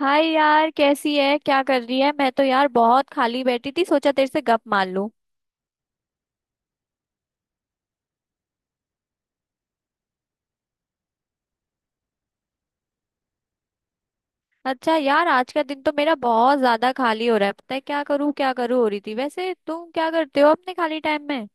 हाय यार, कैसी है? क्या कर रही है? मैं तो यार बहुत खाली बैठी थी, सोचा तेरे से गप मार लूं। अच्छा यार, आज का दिन तो मेरा बहुत ज्यादा खाली हो रहा है। पता है क्या करूं हो रही थी। वैसे तुम क्या करते हो अपने खाली टाइम में?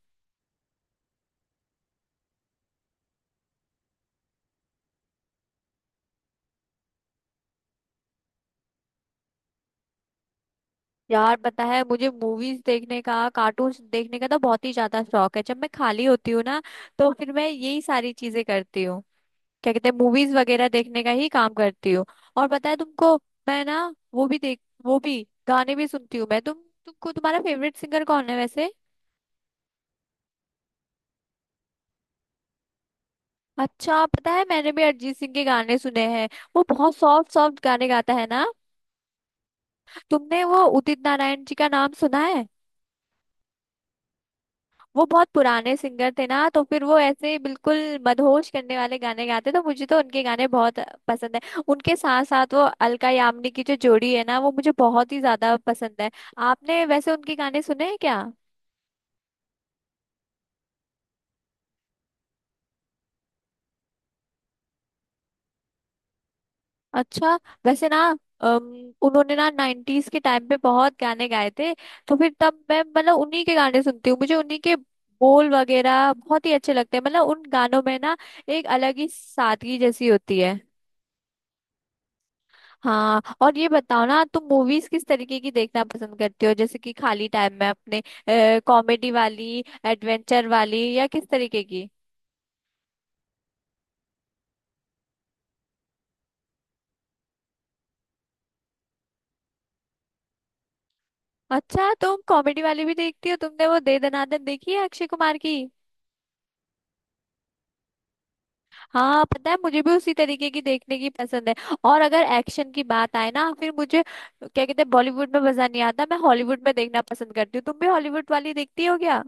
यार पता है, मुझे मूवीज देखने का, कार्टून्स देखने का तो बहुत ही ज्यादा शौक है। जब मैं खाली होती हूँ ना, तो फिर मैं यही सारी चीजें करती हूँ। क्या कहते हैं, मूवीज वगैरह देखने का ही काम करती हूँ। और पता है तुमको, मैं ना, वो भी देख वो भी गाने भी सुनती हूँ। मैं तुम तुमको तुम्हारा फेवरेट सिंगर कौन है वैसे? अच्छा, पता है मैंने भी अरिजीत सिंह के गाने सुने हैं। वो बहुत सॉफ्ट सॉफ्ट गाने गाता है ना। तुमने वो उदित नारायण जी का नाम सुना है? वो बहुत पुराने सिंगर थे ना, तो फिर वो ऐसे बिल्कुल मदहोश करने वाले गाने गाते। तो मुझे तो उनके गाने बहुत पसंद है। उनके साथ साथ वो अलका यामिनी की जो जोड़ी है ना, वो मुझे बहुत ही ज्यादा पसंद है। आपने वैसे उनके गाने सुने हैं क्या? अच्छा। वैसे ना, उन्होंने ना नाइन्टीज के टाइम पे बहुत गाने गाए थे। तो फिर तब मैं, मतलब, उन्हीं के गाने सुनती हूँ। मुझे उन्हीं के बोल वगैरह बहुत ही अच्छे लगते हैं। मतलब उन गानों में ना एक अलग ही सादगी जैसी होती है। हाँ, और ये बताओ ना, तुम मूवीज किस तरीके की देखना पसंद करती हो, जैसे कि खाली टाइम में अपने? कॉमेडी वाली, एडवेंचर वाली, या किस तरीके की? अच्छा, तुम कॉमेडी वाली भी देखती हो। तुमने वो दे दनादन देखी है अक्षय कुमार की? हाँ, पता है मुझे भी उसी तरीके की देखने की पसंद है। और अगर एक्शन की बात आए ना, फिर मुझे, क्या कहते हैं, बॉलीवुड में मजा नहीं आता। मैं हॉलीवुड में देखना पसंद करती हूँ। तुम भी हॉलीवुड वाली देखती हो क्या?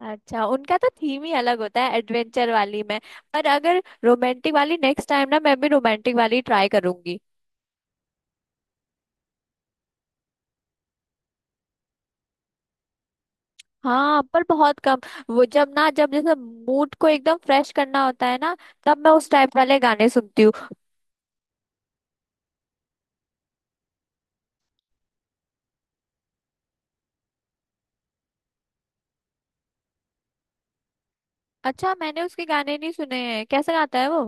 अच्छा, उनका तो थीम ही अलग होता है एडवेंचर वाली में। पर अगर रोमांटिक वाली, नेक्स्ट टाइम ना मैं भी रोमांटिक वाली ट्राई करूंगी। हाँ पर बहुत कम। वो जब ना, जब जैसे मूड को एकदम फ्रेश करना होता है ना, तब मैं उस टाइप वाले गाने सुनती हूँ। अच्छा, मैंने उसके गाने नहीं सुने हैं। कैसे गाता है वो?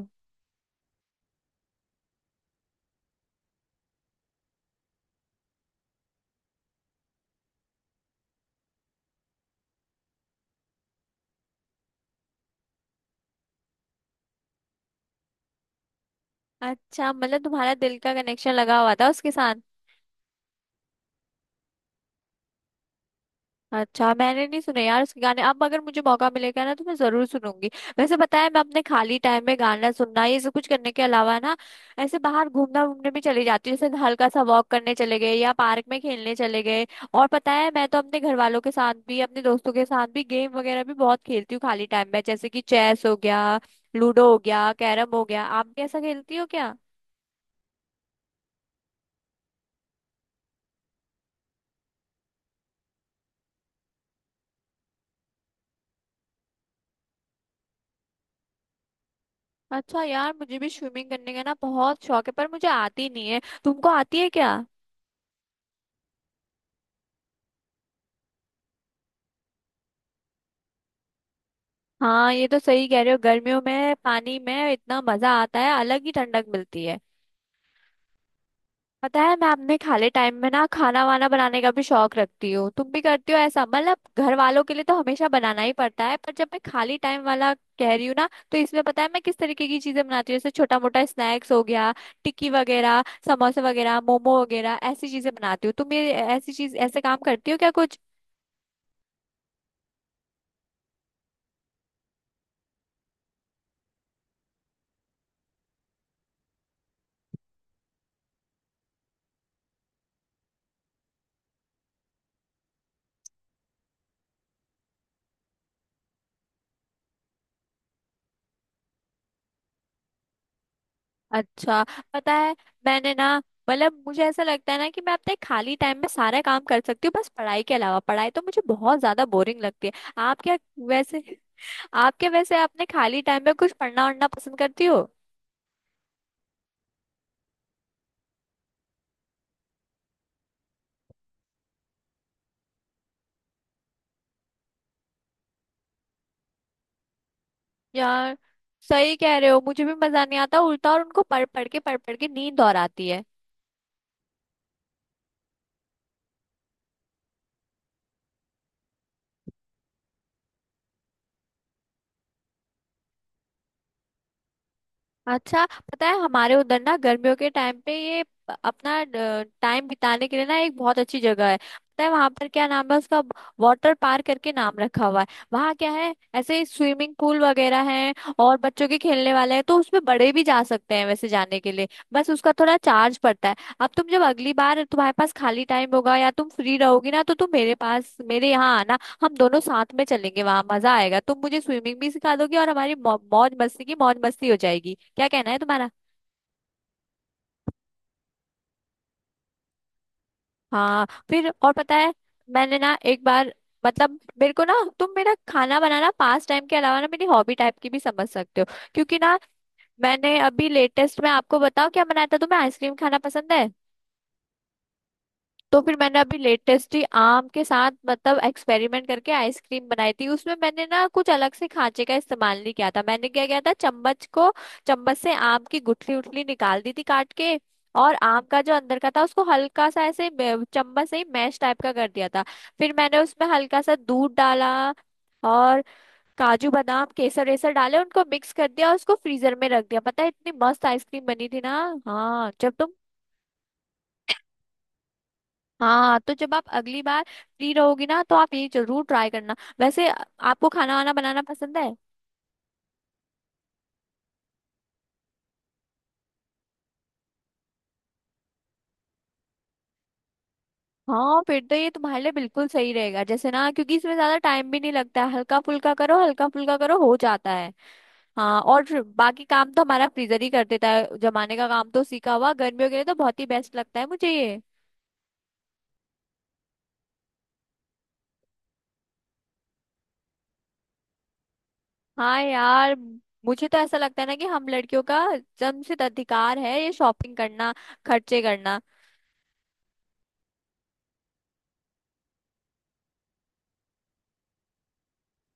अच्छा, मतलब तुम्हारा दिल का कनेक्शन लगा हुआ था उसके साथ। अच्छा, मैंने नहीं सुने यार उसके गाने। अब अगर मुझे मौका मिलेगा ना, तो मैं जरूर सुनूंगी। वैसे बताया, मैं अपने खाली टाइम में गाना सुनना ये सब कुछ करने के अलावा ना, ऐसे बाहर घूमना, घूमने भी चली जाती हूँ। जैसे हल्का सा वॉक करने चले गए, या पार्क में खेलने चले गए। और पता है, मैं तो अपने घर वालों के साथ भी, अपने दोस्तों के साथ भी गेम वगैरह भी बहुत खेलती हूँ खाली टाइम में। जैसे कि चेस हो गया, लूडो हो गया, कैरम हो गया। आप भी ऐसा खेलती हो क्या? अच्छा यार, मुझे भी स्विमिंग करने का ना बहुत शौक है, पर मुझे आती नहीं है। तुमको आती है क्या? हाँ, ये तो सही कह रहे हो। गर्मियों में पानी में इतना मजा आता है, अलग ही ठंडक मिलती है। पता है, मैं अपने खाली टाइम में ना खाना वाना बनाने का भी शौक रखती हूँ। तुम भी करती हो ऐसा? मतलब घर वालों के लिए तो हमेशा बनाना ही पड़ता है, पर जब मैं खाली टाइम वाला कह रही हूँ ना, तो इसमें पता है मैं किस तरीके की चीजें बनाती हूँ? जैसे छोटा मोटा स्नैक्स हो गया, टिक्की वगैरह, समोसे वगैरह, मोमो वगैरह, ऐसी चीजें बनाती हूँ। तुम ये ऐसी चीज, ऐसे काम करती हो क्या कुछ? अच्छा, पता है, मैंने ना, मतलब मुझे ऐसा लगता है ना कि मैं अपने खाली टाइम में सारा काम कर सकती हूँ, बस पढ़ाई के अलावा। पढ़ाई तो मुझे बहुत ज्यादा बोरिंग लगती है। आप क्या? वैसे अपने खाली टाइम में कुछ पढ़ना वढ़ना पसंद करती हो? यार सही कह रहे हो, मुझे भी मजा नहीं आता। उल्टा और उनको पढ़ पढ़ के, पढ़ पढ़ के नींद और आती है। अच्छा, पता है, हमारे उधर ना गर्मियों के टाइम पे ये प- अपना टाइम बिताने के लिए ना एक बहुत अच्छी जगह है। पता है वहां पर क्या नाम है उसका? वाटर पार्क करके नाम रखा हुआ है। वहाँ क्या है, ऐसे ही स्विमिंग पूल वगैरह है, और बच्चों के खेलने वाले हैं, तो उसमें बड़े भी जा सकते हैं वैसे जाने के लिए। बस उसका थोड़ा चार्ज पड़ता है। अब तुम जब अगली बार तुम्हारे पास खाली टाइम होगा, या तुम फ्री रहोगी ना, तो तुम मेरे पास, मेरे यहाँ आना। हम दोनों साथ में चलेंगे, वहां मजा आएगा, तुम मुझे स्विमिंग भी सिखा दोगी, और हमारी मौ- मौज मस्ती की, मौज मस्ती हो जाएगी। क्या कहना है तुम्हारा? हाँ फिर, और पता है, मैंने ना एक बार, मतलब मेरे को ना, तुम मेरा खाना बनाना पास टाइम के अलावा ना मेरी हॉबी टाइप की भी समझ सकते हो, क्योंकि ना, मैंने अभी लेटेस्ट में, आपको बताओ क्या बनाया था। तुम्हें आइसक्रीम खाना पसंद है? तो फिर मैंने अभी लेटेस्ट ही आम के साथ, मतलब एक्सपेरिमेंट करके आइसक्रीम बनाई थी। उसमें मैंने ना कुछ अलग से खांचे का इस्तेमाल नहीं किया था। मैंने क्या किया था, चम्मच को, चम्मच से आम की गुठली उठली निकाल दी थी काट के। और आम का जो अंदर का था, उसको हल्का सा ऐसे मे- चम्मच से ही मैश टाइप का कर दिया था। फिर मैंने उसमें हल्का सा दूध डाला, और काजू बादाम केसर वेसर डाले, उनको मिक्स कर दिया, और उसको फ्रीजर में रख दिया। पता है इतनी मस्त आइसक्रीम बनी थी ना। हाँ जब तुम, हाँ तो जब आप अगली बार फ्री रहोगी ना, तो आप ये जरूर ट्राई करना। वैसे आ- आपको खाना वाना बनाना पसंद है? हाँ फिर तो ये तुम्हारे लिए बिल्कुल सही रहेगा। जैसे ना, क्योंकि इसमें ज्यादा टाइम भी नहीं लगता है। हल्का फुल्का करो, हल्का फुल्का करो, हो जाता है। हाँ और फिर बाकी काम तो हमारा फ्रीजर ही कर देता है जमाने का काम, तो सीखा हुआ गर्मियों के लिए तो बहुत ही बेस्ट लगता है मुझे ये। हाँ यार, मुझे तो ऐसा लगता है ना कि हम लड़कियों का जन्मसिद्ध अधिकार है ये शॉपिंग करना, खर्चे करना।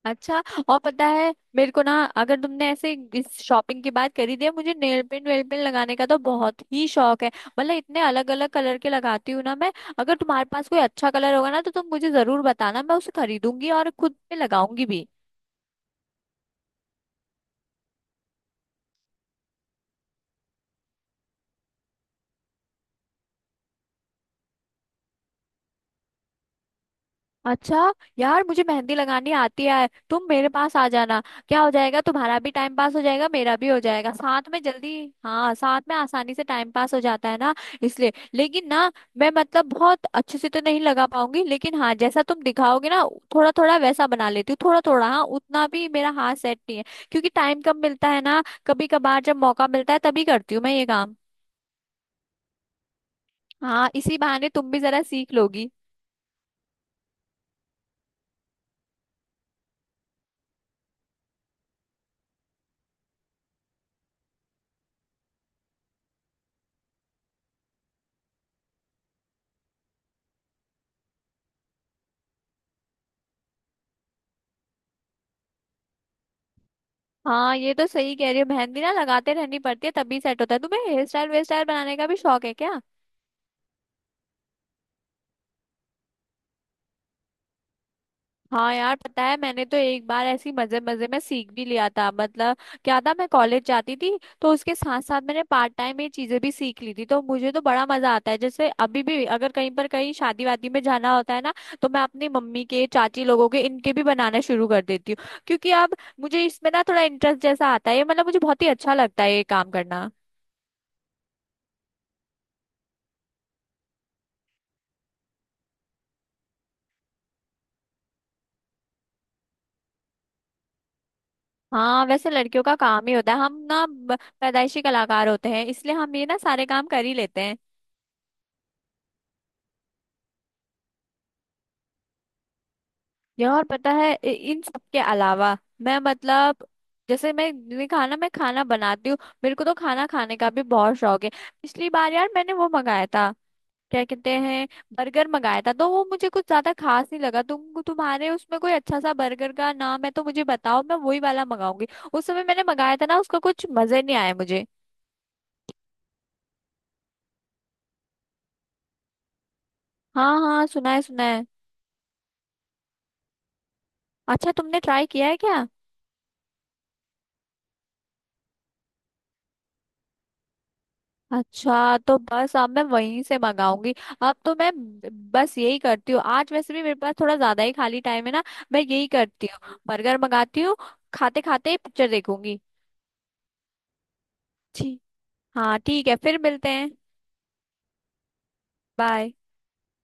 अच्छा, और पता है, मेरे को ना, अगर तुमने ऐसे इस शॉपिंग की बात करी थी, मुझे नेल पेंट वेल पेंट लगाने का तो बहुत ही शौक है। मतलब इतने अलग अलग कलर के लगाती हूँ ना मैं। अगर तुम्हारे पास कोई अच्छा कलर होगा ना, तो तुम मुझे जरूर बताना, मैं उसे खरीदूंगी और खुद पे लगाऊंगी भी। अच्छा यार, मुझे मेहंदी लगानी आती है, तुम मेरे पास आ जाना। क्या हो जाएगा, तुम्हारा भी टाइम पास हो जाएगा, मेरा भी हो जाएगा साथ में जल्दी। हाँ, साथ में आसानी से टाइम पास हो जाता है ना, इसलिए। लेकिन ना, मैं मतलब बहुत अच्छे से तो नहीं लगा पाऊंगी, लेकिन हाँ जैसा तुम दिखाओगे ना, थोड़ा थोड़ा वैसा बना लेती हूँ, थोड़ा थोड़ा। हाँ, उतना भी मेरा हाथ सेट नहीं है, क्योंकि टाइम कम मिलता है ना। कभी कभार जब मौका मिलता है तभी करती हूँ मैं ये काम। हाँ, इसी बहाने तुम भी जरा सीख लोगी। हाँ, ये तो सही कह रही है, मेहंदी ना लगाते रहनी पड़ती है तभी सेट होता है। तुम्हें हेयर स्टाइल वेयर स्टाइल बनाने का भी शौक है क्या? हाँ यार, पता है मैंने तो एक बार ऐसी मजे मजे में सीख भी लिया था। मतलब क्या था, मैं कॉलेज जाती थी, तो उसके साथ साथ मैंने पार्ट टाइम ये चीजें भी सीख ली थी। तो मुझे तो बड़ा मजा आता है। जैसे अभी भी अगर कहीं पर, कहीं शादी वादी में जाना होता है ना, तो मैं अपनी मम्मी के, चाची लोगों के, इनके भी बनाना शुरू कर देती हूँ। क्योंकि अब मुझे इसमें ना थोड़ा इंटरेस्ट जैसा आता है ये, मतलब मुझे बहुत ही अच्छा लगता है ये काम करना। हाँ, वैसे लड़कियों का काम ही होता है। हम ना ब- पैदाइशी कलाकार होते हैं, इसलिए हम ये ना सारे काम कर ही लेते हैं। ये, और पता है इ- इन सब के अलावा मैं मतलब, जैसे मैं, मैंने कहा ना मैं खाना बनाती हूँ, मेरे को तो खाना खाने का भी बहुत शौक है। पिछली बार यार मैंने वो मंगाया था, क्या कहते हैं, बर्गर मंगाया था। तो वो मुझे कुछ ज्यादा खास नहीं लगा। तुम्हारे उसमें कोई अच्छा सा बर्गर का नाम है तो मुझे बताओ, मैं वही वाला मंगाऊंगी। उस समय मैंने मंगाया था ना, उसका कुछ मजे नहीं आया मुझे। हाँ हाँ, सुना है, सुना है। अच्छा, तुमने ट्राई किया है क्या? अच्छा, तो बस अब मैं वहीं से मंगाऊंगी। अब तो मैं ब- बस यही करती हूँ। आज वैसे भी मेरे पास थोड़ा ज्यादा ही खाली टाइम है ना, मैं यही करती हूँ, बर्गर मंगाती हूँ, खाते खाते पिक्चर देखूंगी। ठीक। हाँ ठीक है, फिर मिलते हैं। बाय।